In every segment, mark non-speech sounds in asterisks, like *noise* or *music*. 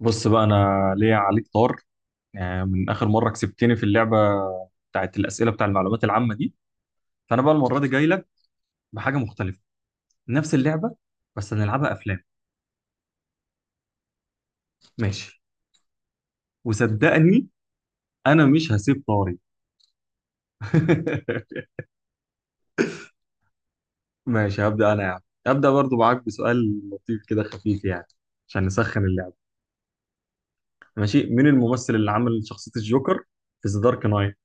بص بقى، انا ليا عليك طار يعني من اخر مره كسبتني في اللعبه بتاعت الاسئله بتاع المعلومات العامه دي. فانا بقى المره دي جاي لك بحاجه مختلفه، نفس اللعبه بس هنلعبها افلام. ماشي، وصدقني انا مش هسيب طاري. *laughs* ماشي، هبدا انا، هبدا برضو معاك بسؤال لطيف كده، خفيف يعني، عشان نسخن اللعبه. ماشي، مين الممثل اللي عمل شخصيه الجوكر في ذا دارك نايت؟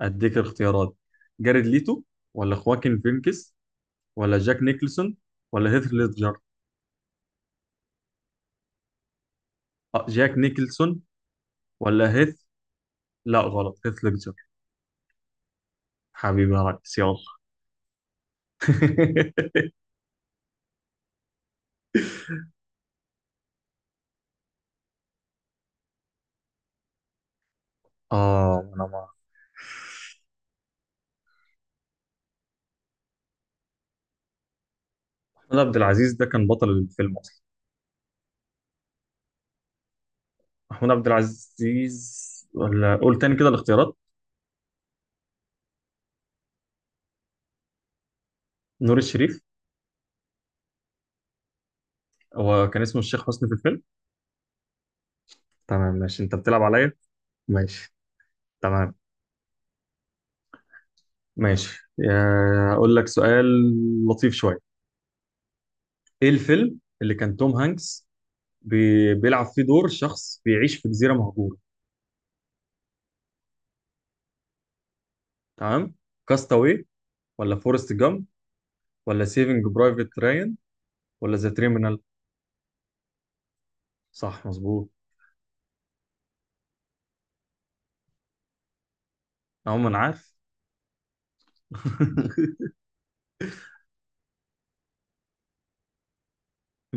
اديك الاختيارات، جاريد ليتو ولا خواكين فينكس ولا جاك نيكلسون ولا هيث ليدجر؟ جاك نيكلسون ولا هيث؟ لا، غلط، هيث ليدجر. حبيبي يا ريس، يلا. *laughs* اه انا ما. محمود عبد العزيز ده كان بطل الفيلم اصلا. محمود عبد العزيز، ولا قول تاني كده الاختيارات. نور الشريف. هو كان اسمه الشيخ حسني في الفيلم. تمام ماشي، انت بتلعب عليا. ماشي، تمام. ماشي يا- اقول لك سؤال لطيف شويه. ايه الفيلم اللي كان توم هانكس بي... بيلعب فيه دور شخص بيعيش في جزيره مهجوره؟ تمام، كاستاوي ولا فورست جامب ولا سيفنج برايفت رايان ولا ذا تريمينال؟ صح، مظبوط. عموما عارف. *laughs*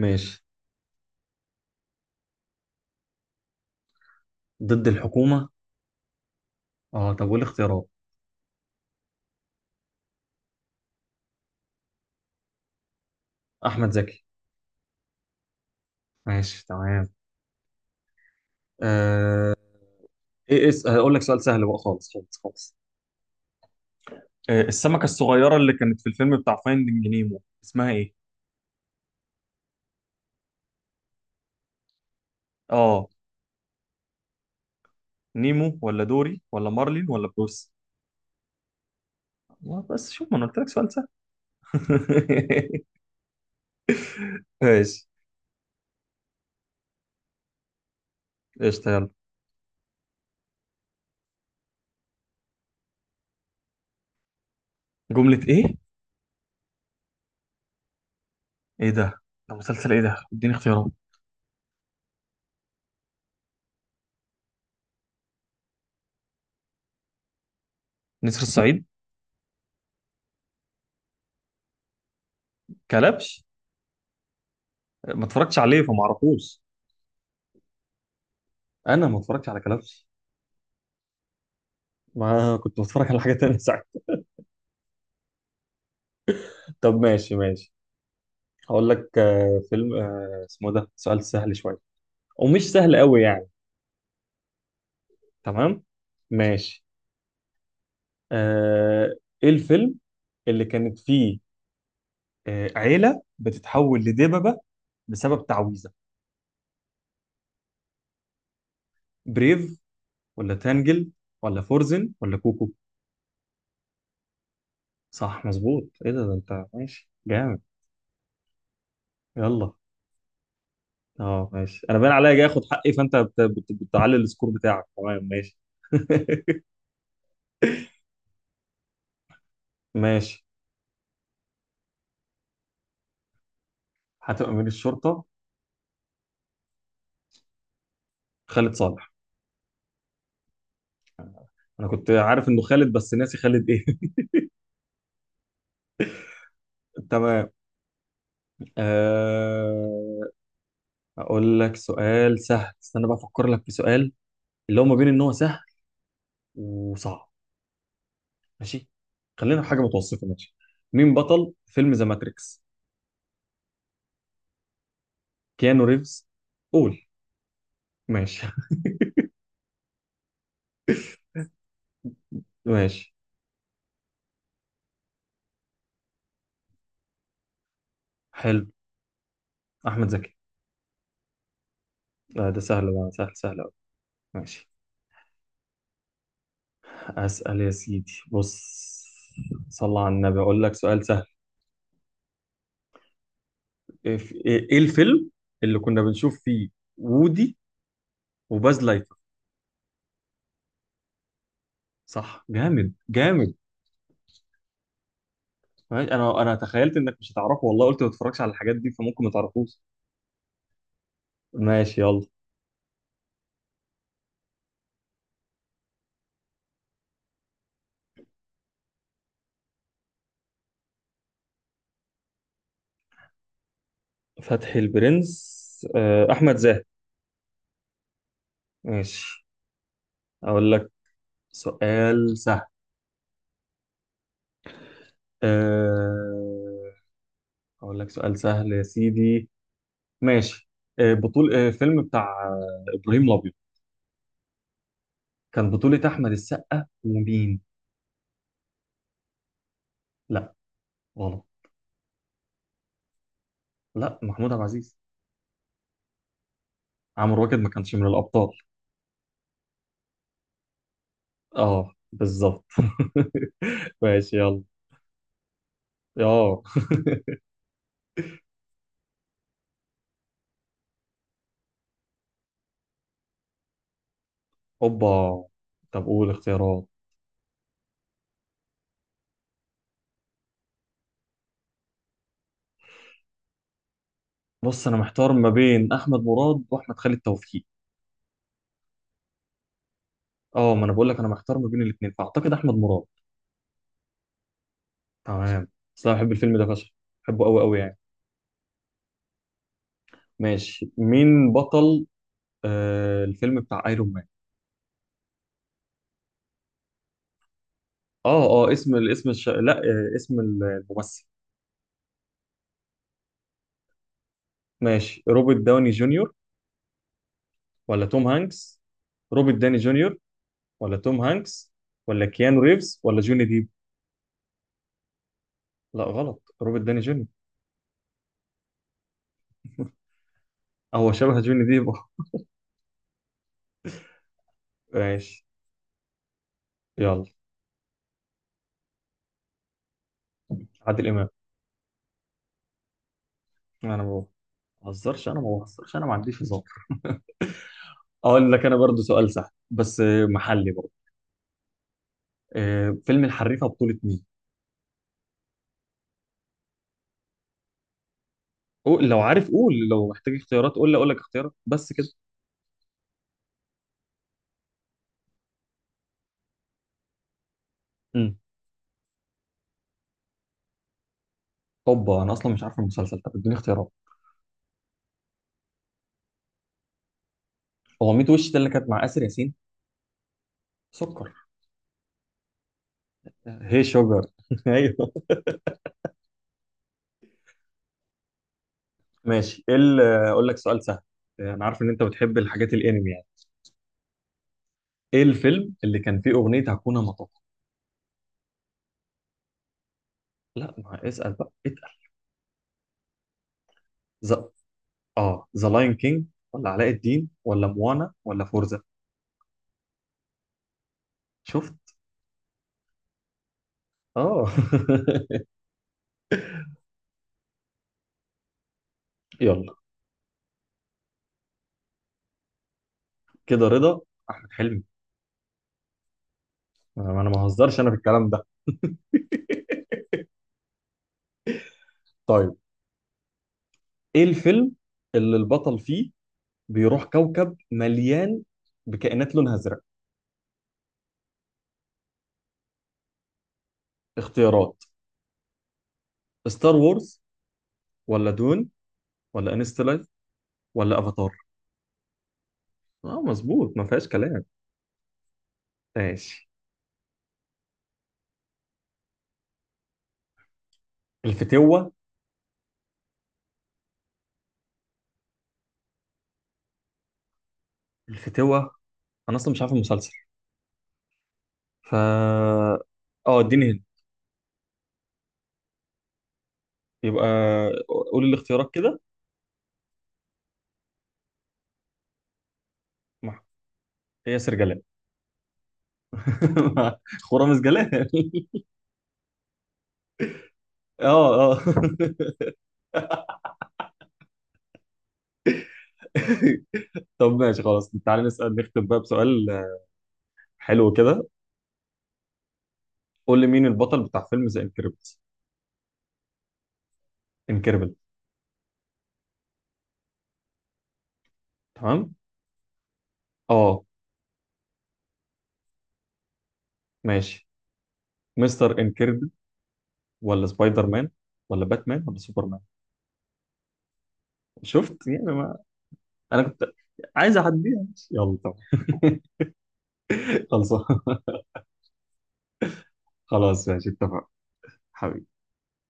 ماشي. ضد الحكومة؟ اه، طب والاختيارات؟ احمد زكي. ماشي تمام. آه... ايه اس هقول لك سؤال سهل بقى خالص خالص خالص. آه، السمكة الصغيرة اللي كانت في الفيلم بتاع فايندينج نيمو اسمها ايه؟ اه، نيمو ولا دوري ولا مارلين ولا بروس؟ والله بس شوف، ما انا قلت لك سؤال سهل. *laughs* ماشي، قشطة، يلا. جملة ايه؟ ايه ده؟ ده مسلسل ايه ده؟ اديني اختيارات. نسر الصعيد. كلبش؟ ما اتفرجتش عليه فما اعرفوش. انا ما اتفرجتش على كلبش. ما كنت بتفرج على حاجه تانية *laughs* ساعتها. طب ماشي ماشي. هقول لك فيلم، اسمه، ده سؤال سهل شويه ومش سهل قوي يعني. تمام، ماشي. آه، ايه الفيلم اللي كانت فيه عيله بتتحول لدببه بسبب تعويذه؟ بريف ولا تانجل ولا فورزن ولا كوكو؟ صح، مظبوط. ايه ده؟ ده انت ماشي جامد. يلا. اه ماشي، انا باين عليا جاي اخد حقي، فانت بتعلي السكور بتاعك. تمام، ماشي. *laughs* ماشي. هتبقى امير الشرطه. خالد صالح. انا كنت عارف انه خالد بس ناسي خالد ايه. *laughs* تمام. أه... اقول لك سؤال سهل، استنى بقى افكر لك في سؤال اللي هو ما بين ان هو سهل وصعب. ماشي، خلينا في حاجه متوسطه. ماشي، مين بطل فيلم ذا ماتريكس؟ كيانو ريفز. قول. ماشي. *laughs* ماشي. حلو. احمد زكي. لا ده سهل، ده سهل سهل قوي. ماشي. أسأل يا سيدي. بص، صلى على النبي، أقول لك سؤال سهل. إيه، إيه الفيلم اللي كنا بنشوف فيه وودي وباز لايتر؟ صح، جامد جامد. ماشي، أنا تخيلت إنك مش هتعرفه والله، قلت ما تتفرجش على الحاجات دي فممكن ما تعرفوش. ماشي، يلا. فتحي البرنس، أحمد زاهر. ماشي، أقول لك سؤال سهل، آه، أقول لك سؤال سهل يا سيدي. ماشي، بطول فيلم بتاع إبراهيم الأبيض كان بطولة أحمد السقا ومين؟ لا، غلط. لا، محمود عبد العزيز. عمرو واكد ما كانش من الأبطال. اه، بالظبط. *laughs* ماشي، يلا. اه. اوبا، طب قول اختيارات. بص، انا محتار ما بين احمد مراد واحمد خالد توفيق. اه، ما انا بقول لك انا محتار ما بين الاثنين، فاعتقد احمد مراد. تمام. بس انا بحب الفيلم ده فشخ، بحبه قوي قوي يعني. ماشي، مين بطل آه الفيلم بتاع ايرون مان؟ اه اه، اسم لا، آه، اسم الممثل. ماشي، روبرت داوني جونيور ولا توم هانكس؟ روبرت داني جونيور ولا توم هانكس ولا كيانو ريفز ولا جوني ديب؟ لا، غلط، روبرت داني جونيور. هو شبه جوني ديب. *laughs* أه. ماشي، يلا. عادل امام. انا ما بهزرش، انا ما عنديش هزار. اقول لك انا برضو سؤال سهل بس محلي برضو. آه، فيلم الحريفه بطوله مين؟ قول لو عارف، قول لو محتاج اختيارات، قول لي اقول لك اختيارات بس كده. امم، هوبا، انا اصلا مش عارف المسلسل، طب اديني اختيارات. هو 100 وش ده اللي كانت مع اسر ياسين؟ سكر. هي شجر. *laughs* ايوه. ماشي، ايه ال- اقول لك سؤال سهل. انا عارف ان انت بتحب الحاجات الانمي يعني. ايه الفيلم اللي كان فيه اغنيه هاكونا ماتاتا؟ لا، ما اسال بقى، اتقل. ز... اه، ذا لاين كينج ولا علاء الدين ولا موانا ولا فورزا؟ شفت. اه. *laughs* يلا. كده رضا. احمد حلمي. انا ما بهزرش انا في الكلام ده. طيب، ايه الفيلم اللي البطل فيه بيروح كوكب مليان بكائنات لونها ازرق؟ اختيارات، ستار وورز ولا دون ولا انستلايف ولا افاتار؟ اه، مظبوط، ما فيهاش كلام. ماشي. الفتوة. الفتوة؟ انا اصلا مش عارف المسلسل، فا. اه، اديني هنا. يبقى قولي الاختيارات كده. ما-، هي سرجلال. خرام سجلال. *laughs* *laughs* اه اه. *laughs* طب ماشي، خلاص تعالى نسأل، نختم بقى بسؤال حلو كده. قول لي مين البطل بتاع فيلم ذا انكريبت؟ انكريبل. تمام. اه. ماشي، مستر انكريبل ولا سبايدر مان ولا باتمان ولا سوبرمان؟ شفت يعني، انا كنت عايز اعديها، يلا طب. *laughs* خلصان. *laughs* خلاص ماشي، اتفقنا حبيبي.